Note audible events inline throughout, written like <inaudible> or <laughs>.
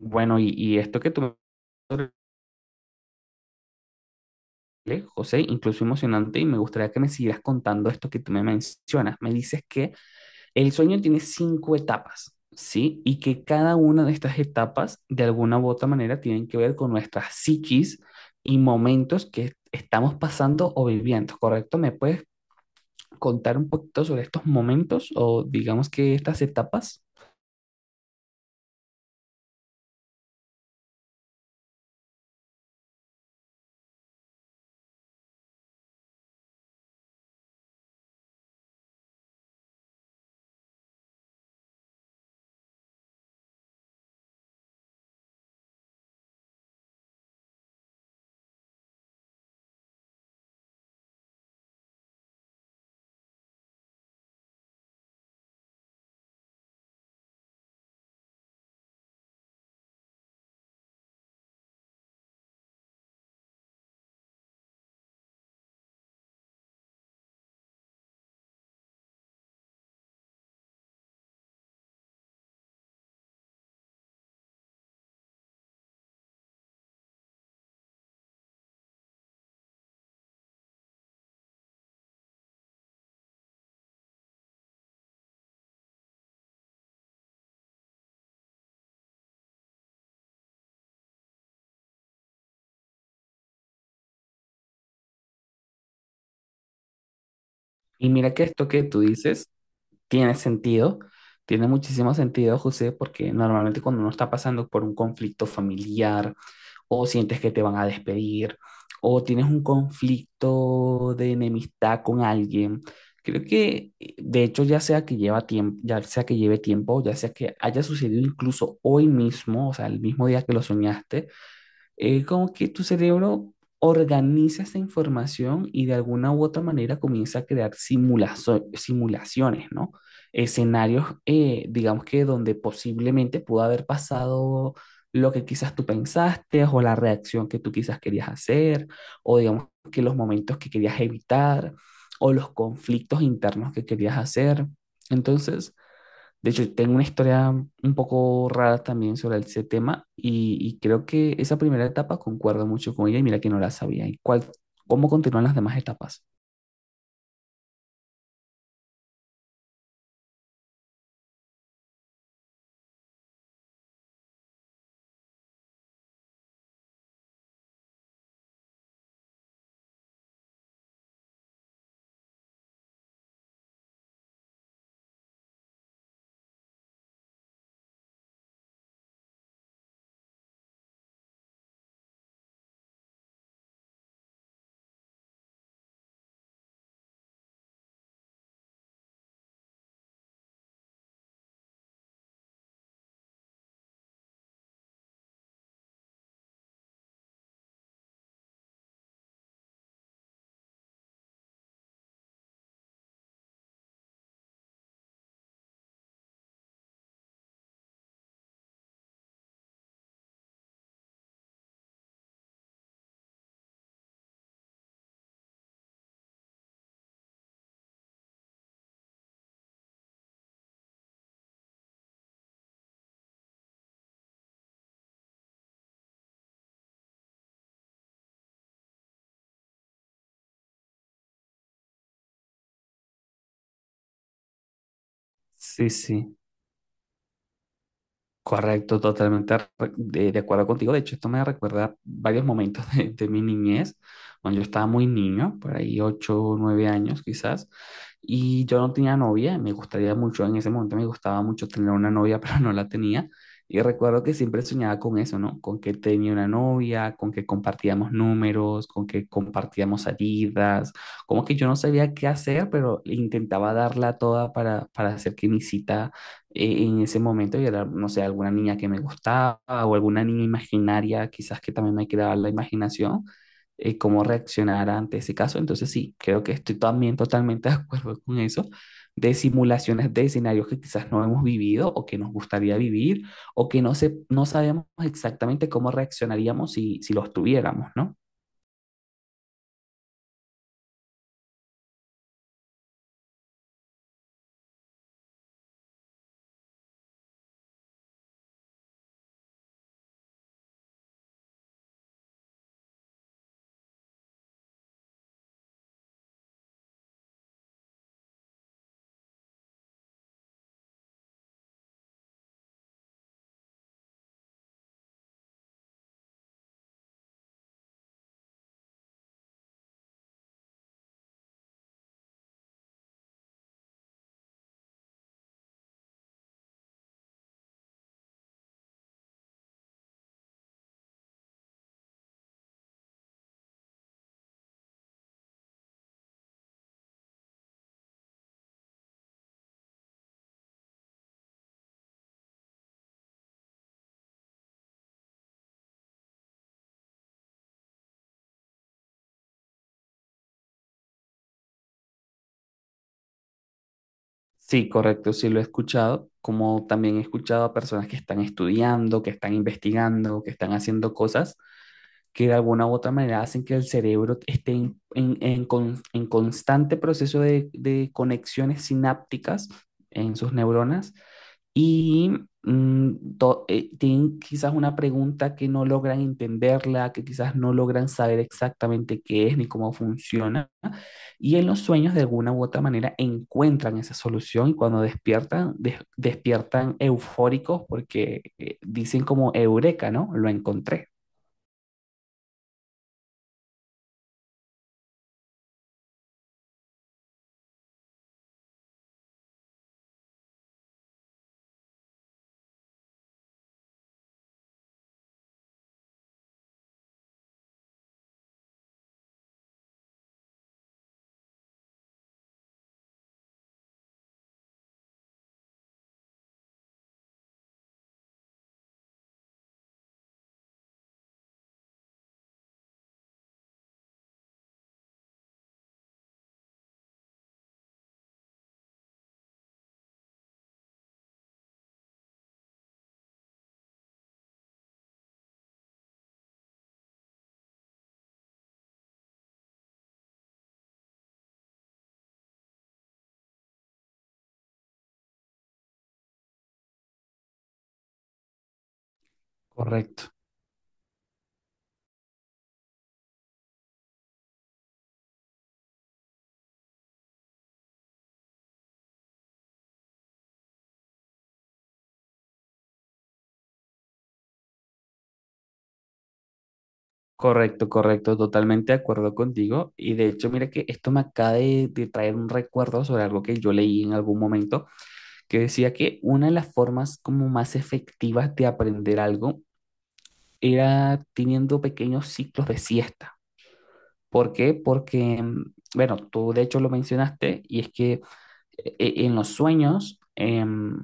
Bueno, y esto que tú me hablaste, José, incluso emocionante, y me gustaría que me siguieras contando esto que tú me mencionas. Me dices que el sueño tiene cinco etapas, ¿sí? Y que cada una de estas etapas, de alguna u otra manera, tienen que ver con nuestras psiquis y momentos que estamos pasando o viviendo, ¿correcto? ¿Me puedes contar un poquito sobre estos momentos o digamos que estas etapas? Y mira que esto que tú dices tiene sentido, tiene muchísimo sentido, José, porque normalmente cuando uno está pasando por un conflicto familiar o sientes que te van a despedir o tienes un conflicto de enemistad con alguien, creo que de hecho ya sea que lleva tiempo, ya sea que lleve tiempo, ya sea que haya sucedido incluso hoy mismo, o sea, el mismo día que lo soñaste, como que tu cerebro organiza esa información y de alguna u otra manera comienza a crear simulaciones, ¿no? Escenarios, digamos que donde posiblemente pudo haber pasado lo que quizás tú pensaste o la reacción que tú quizás querías hacer, o digamos que los momentos que querías evitar, o los conflictos internos que querías hacer. Entonces, de hecho, tengo una historia un poco rara también sobre ese tema y creo que esa primera etapa concuerdo mucho con ella y mira que no la sabía. ¿Y cuál, cómo continúan las demás etapas? Sí, sí. Correcto, totalmente de acuerdo contigo. De hecho, esto me recuerda varios momentos de mi niñez, cuando yo estaba muy niño, por ahí 8, o 9 años quizás, y yo no tenía novia. Me gustaría mucho, en ese momento me gustaba mucho tener una novia, <laughs> pero no la tenía. Y recuerdo que siempre soñaba con eso, ¿no? Con que tenía una novia, con que compartíamos números, con que compartíamos salidas, como que yo no sabía qué hacer, pero intentaba darla toda para hacer que mi cita en ese momento y era, no sé, alguna niña que me gustaba o alguna niña imaginaria, quizás que también me quedaba la imaginación, cómo reaccionar ante ese caso. Entonces sí, creo que estoy también totalmente <laughs> de acuerdo con eso, de simulaciones de escenarios que quizás no hemos vivido o que nos gustaría vivir o que no sabemos exactamente cómo reaccionaríamos si los tuviéramos, ¿no? Sí, correcto, sí lo he escuchado, como también he escuchado a personas que están estudiando, que están investigando, que están haciendo cosas que de alguna u otra manera hacen que el cerebro esté en constante proceso de conexiones sinápticas en sus neuronas y tienen quizás una pregunta que no logran entenderla, que quizás no logran saber exactamente qué es ni cómo funciona. Y en los sueños, de alguna u otra manera, encuentran esa solución y cuando despiertan, despiertan eufóricos porque dicen como eureka, ¿no? Lo encontré. Correcto. Correcto, correcto, totalmente de acuerdo contigo. Y de hecho, mira que esto me acaba de traer un recuerdo sobre algo que yo leí en algún momento, que decía que una de las formas como más efectivas de aprender algo era teniendo pequeños ciclos de siesta. ¿Por qué? Porque, bueno, tú de hecho lo mencionaste y es que en los sueños,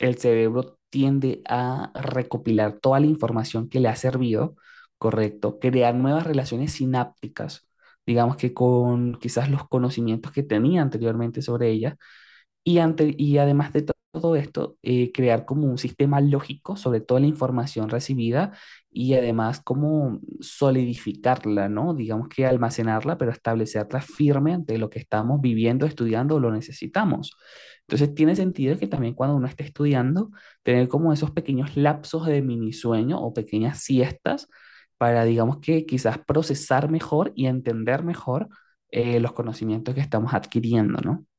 el cerebro tiende a recopilar toda la información que le ha servido, correcto, crear nuevas relaciones sinápticas, digamos que con quizás los conocimientos que tenía anteriormente sobre ella, y además de to- todo esto, crear como un sistema lógico sobre toda la información recibida y además como solidificarla, ¿no? Digamos que almacenarla, pero establecerla firme ante lo que estamos viviendo, estudiando o lo necesitamos. Entonces tiene sentido que también cuando uno esté estudiando, tener como esos pequeños lapsos de mini sueño o pequeñas siestas para, digamos que quizás procesar mejor y entender mejor los conocimientos que estamos adquiriendo, ¿no?